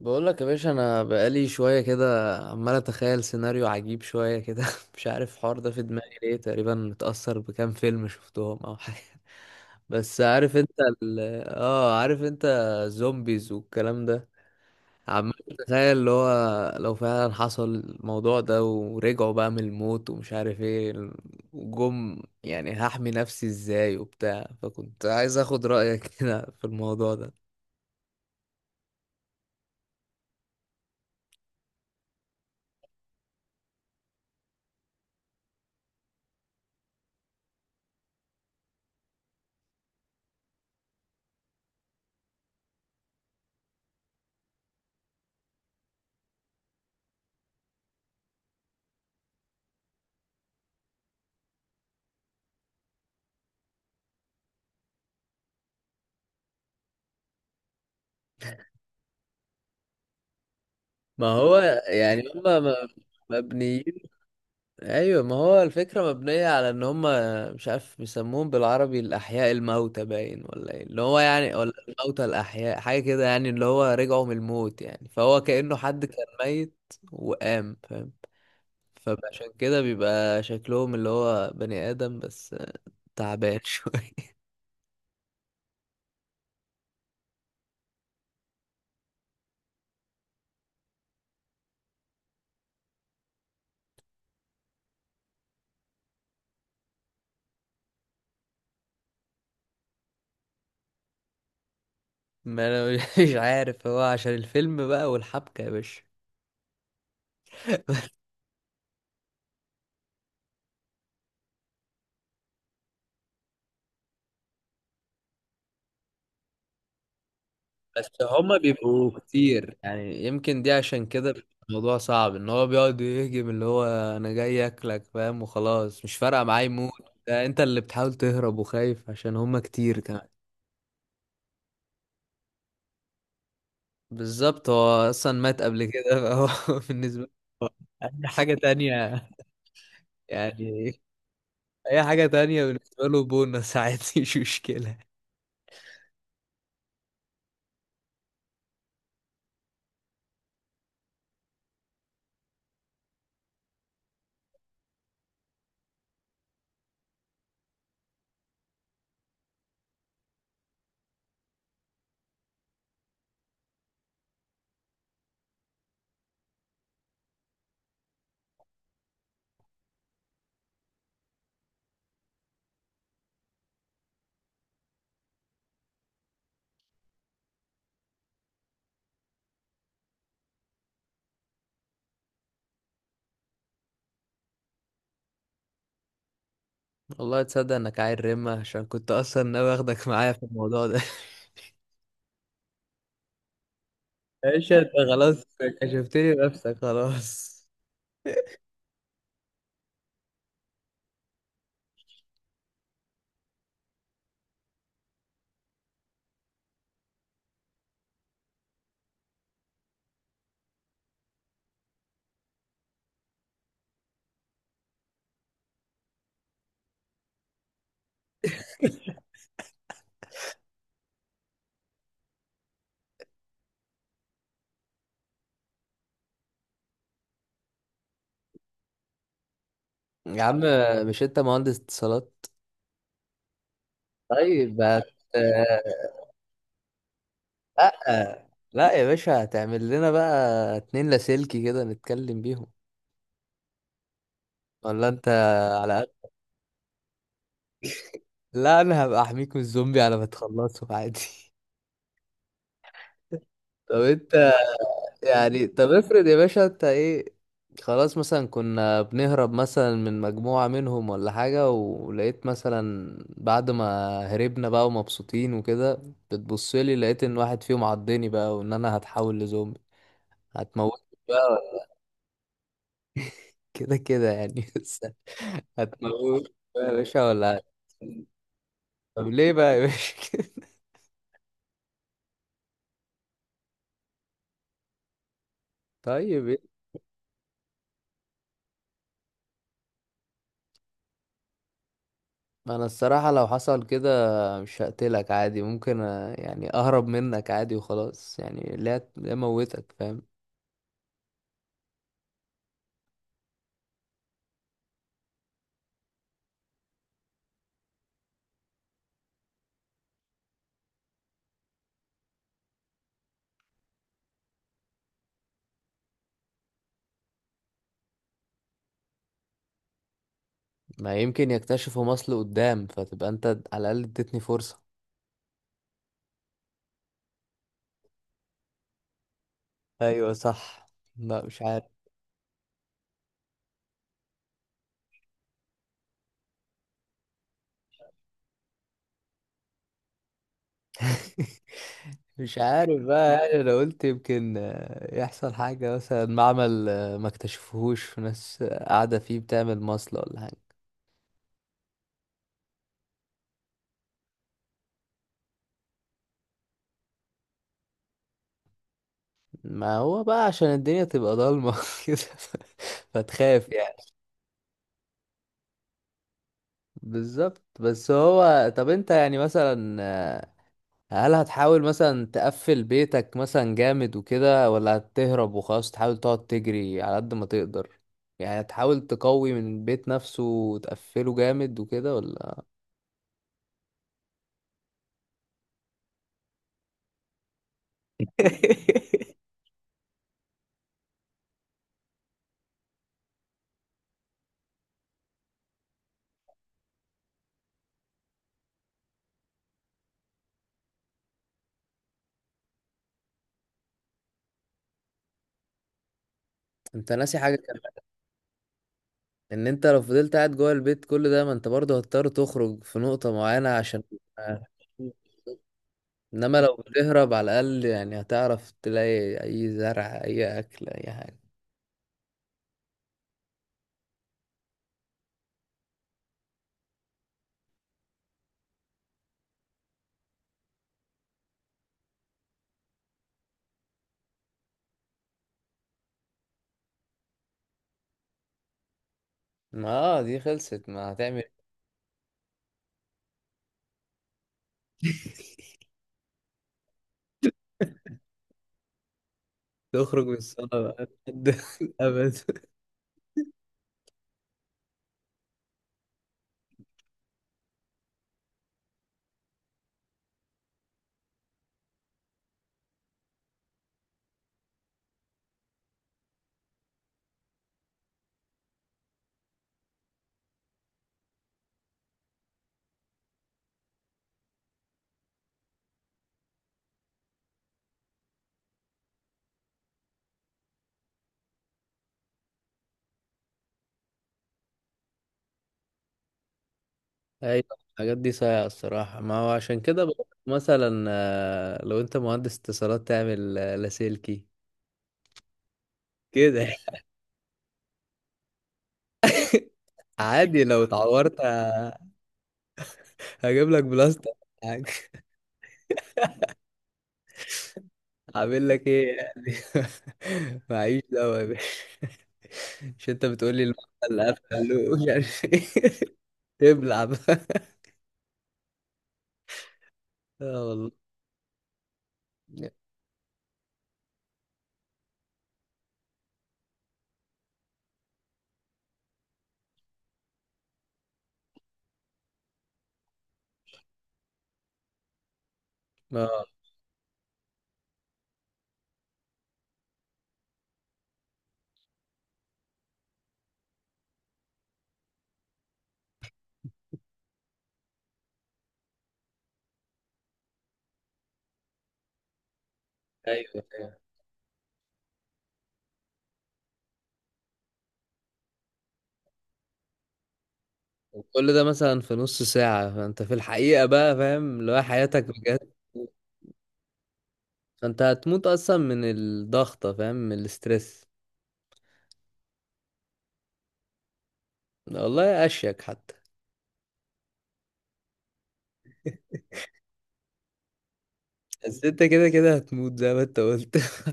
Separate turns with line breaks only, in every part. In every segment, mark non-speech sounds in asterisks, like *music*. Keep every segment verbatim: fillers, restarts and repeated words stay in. بقول لك يا باشا، انا بقالي شويه كده عمال اتخيل سيناريو عجيب شويه كده. *laughs* مش عارف الحوار ده في دماغي ليه، تقريبا متاثر بكام فيلم شفتهم او حاجه. *laughs* بس عارف انت ال... اه عارف انت الزومبيز والكلام ده. عمال اتخيل اللي هو لو فعلا حصل الموضوع ده ورجعوا بقى من الموت ومش عارف ايه وجم، يعني هحمي نفسي ازاي وبتاع، فكنت عايز اخد رايك *laughs* كده في الموضوع ده. ما هو يعني هما ما- مبنيين. ايوه ما هو الفكره مبنيه على ان هم، مش عارف بيسموهم بالعربي الاحياء الموتى باين ولا ايه اللي هو يعني، ولا الموتى الاحياء حاجه كده يعني، اللي هو رجعوا من الموت يعني، فهو كانه حد كان ميت وقام، فاهم؟ فعشان كده بيبقى شكلهم اللي هو بني ادم بس تعبان *laughs* شويه. ما انا مش عارف، هو عشان الفيلم بقى والحبكه يا باشا. بس هما بيبقوا كتير، يعني يمكن دي عشان كده بيبقى الموضوع صعب، ان هو بيقعد يهجم اللي هو انا جاي اكلك فاهم وخلاص، مش فارقه معايا موت. ده انت اللي بتحاول تهرب وخايف عشان هما كتير كمان. بالظبط، هو اصلا مات قبل كده، فهو *laughs* بالنسبه له اي حاجه تانية يعني. اي حاجه تانية بالنسبه له بونص عادي، *laughs* مش مشكله. والله تصدق انك عيل رمه، عشان كنت اصلا ناوي اخدك معايا في الموضوع ده. *laughs* يا باشا انت خلاص، كشفتني بنفسك خلاص. يا عم، مش انت مهندس اتصالات؟ طيب بقى. لا لا يا باشا، هتعمل لنا بقى اتنين لاسلكي كده نتكلم بيهم ولا انت على قد؟ لا، انا هبقى احميك من الزومبي على ما تخلصه عادي. *laughs* طب انت يعني، طب افرض يا باشا انت ايه. خلاص، مثلا كنا بنهرب مثلا من مجموعة منهم ولا حاجة، ولقيت مثلا بعد ما هربنا بقى ومبسوطين وكده بتبصلي لقيت ان واحد فيهم عضني بقى، وان انا هتحول لزومبي. هتموت بقى ولا- كده كده يعني *laughs* بس. هتموت بقى يا باشا ولا؟ طب ليه بقى يا باشا *laughs* كده؟ طيب إيه؟ ما انا الصراحة لو حصل كده مش هقتلك عادي، ممكن أ- يعني اهرب منك عادي وخلاص، يعني ليه ليه موتك، فاهم؟ ما يمكن يكتشفوا مصل قدام فتبقى انت على الاقل اديتني فرصة. ايوه صح. لا مش عارف. *laughs* مش عارف بقى يعني، انا قلت يمكن آه، يحصل حاجة مثلا معمل آه، ما اكتشفوهوش وناس آه، قاعدة فيه بتعمل مصلة ولا حاجة. ما هو بقى عشان الدنيا تبقى ضلمة *laughs* كده ف- فتخاف يعني. بالظبط، بس هو طب انت يعني مثلا آه، هل هتحاول مثلا تقفل بيتك مثلا جامد وكده، ولا هتهرب وخلاص تحاول تقعد تجري على قد ما تقدر؟ يعني هتحاول تقوي من البيت نفسه وتقفله جامد وكده، ولا؟ *laughs* انت ناسي حاجة كمان، ان انت لو فضلت قاعد جوه البيت كل ده ما انت برضه هتضطر تخرج في نقطة معينة عشان. *laughs* انما لو بتهرب على الاقل يعني هتعرف تلاقي اي زرع اي اكل اي حاجة. ما آه دي خلصت، ما هتعمل إيه؟ تخرج من الصالة بقى لحد *laughs* الابد. ايوه، الحاجات دي صايعة الصراحة. ما هو عشان كده بقول لك مثلا آه، لو انت مهندس اتصالات تعمل آه، لاسلكي كده. *laughs* عادي لو اتعورت هجيب لك بلاستر حاجة. عامل لك ايه يعني؟ *laughs* معيش دواء يا باشا. مش انت بتقول لي المحل اللي قفل مش عارف ايه؟ *laughs* تبلع بقى. اه والله. اه. ايوه ايوه. وكل ده مثلا في نص ساعة، فانت في الحقيقة بقى فاهم اللي هو حياتك بجد. فانت هتموت اصلا من الضغطة فاهم، من الاسترس. والله اشيك حتى. بس انت كده كده هتموت زي ما انت قلت. *laughs*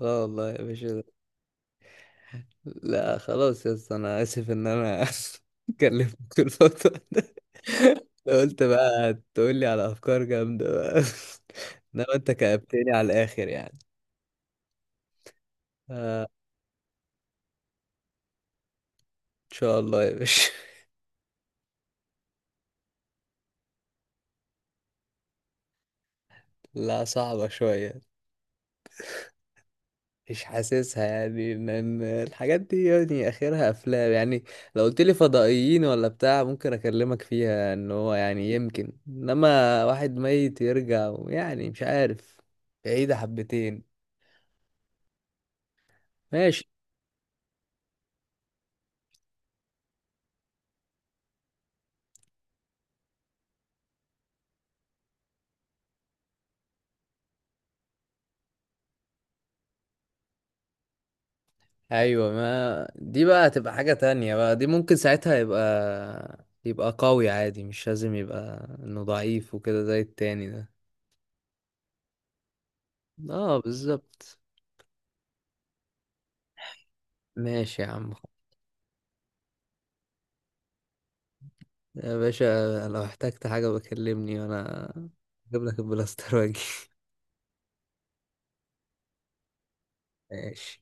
اه والله يا باشا. لا خلاص يا اسطى، انا اسف ان انا *laughs* كلمتك في الفترة ده. قلت بقى تقول لي على افكار جامدة بقى، *laughs* انما انت كأبتني على الاخر يعني. ان شاء الله يا باشا. *laughs* لا صعبة شوية. مش حاسسها يعني، ان إن الحاجات دي يعني اخرها افلام يعني. لو قلت لي فضائيين ولا بتاع ممكن اكلمك فيها ان هو يعني يمكن، انما واحد ميت يرجع يعني مش عارف، بعيدة حبتين. ماشي. ايوه، ما دي بقى هتبقى حاجة تانية بقى، دي ممكن ساعتها يبقى يبقى قوي عادي، مش لازم يبقى انه ضعيف وكده زي التاني ده. اه بالظبط. ماشي يا عم. يا باشا لو احتجت حاجة بكلمني، وانا اجيب لك البلاستر واجي. *laughs* ماشي.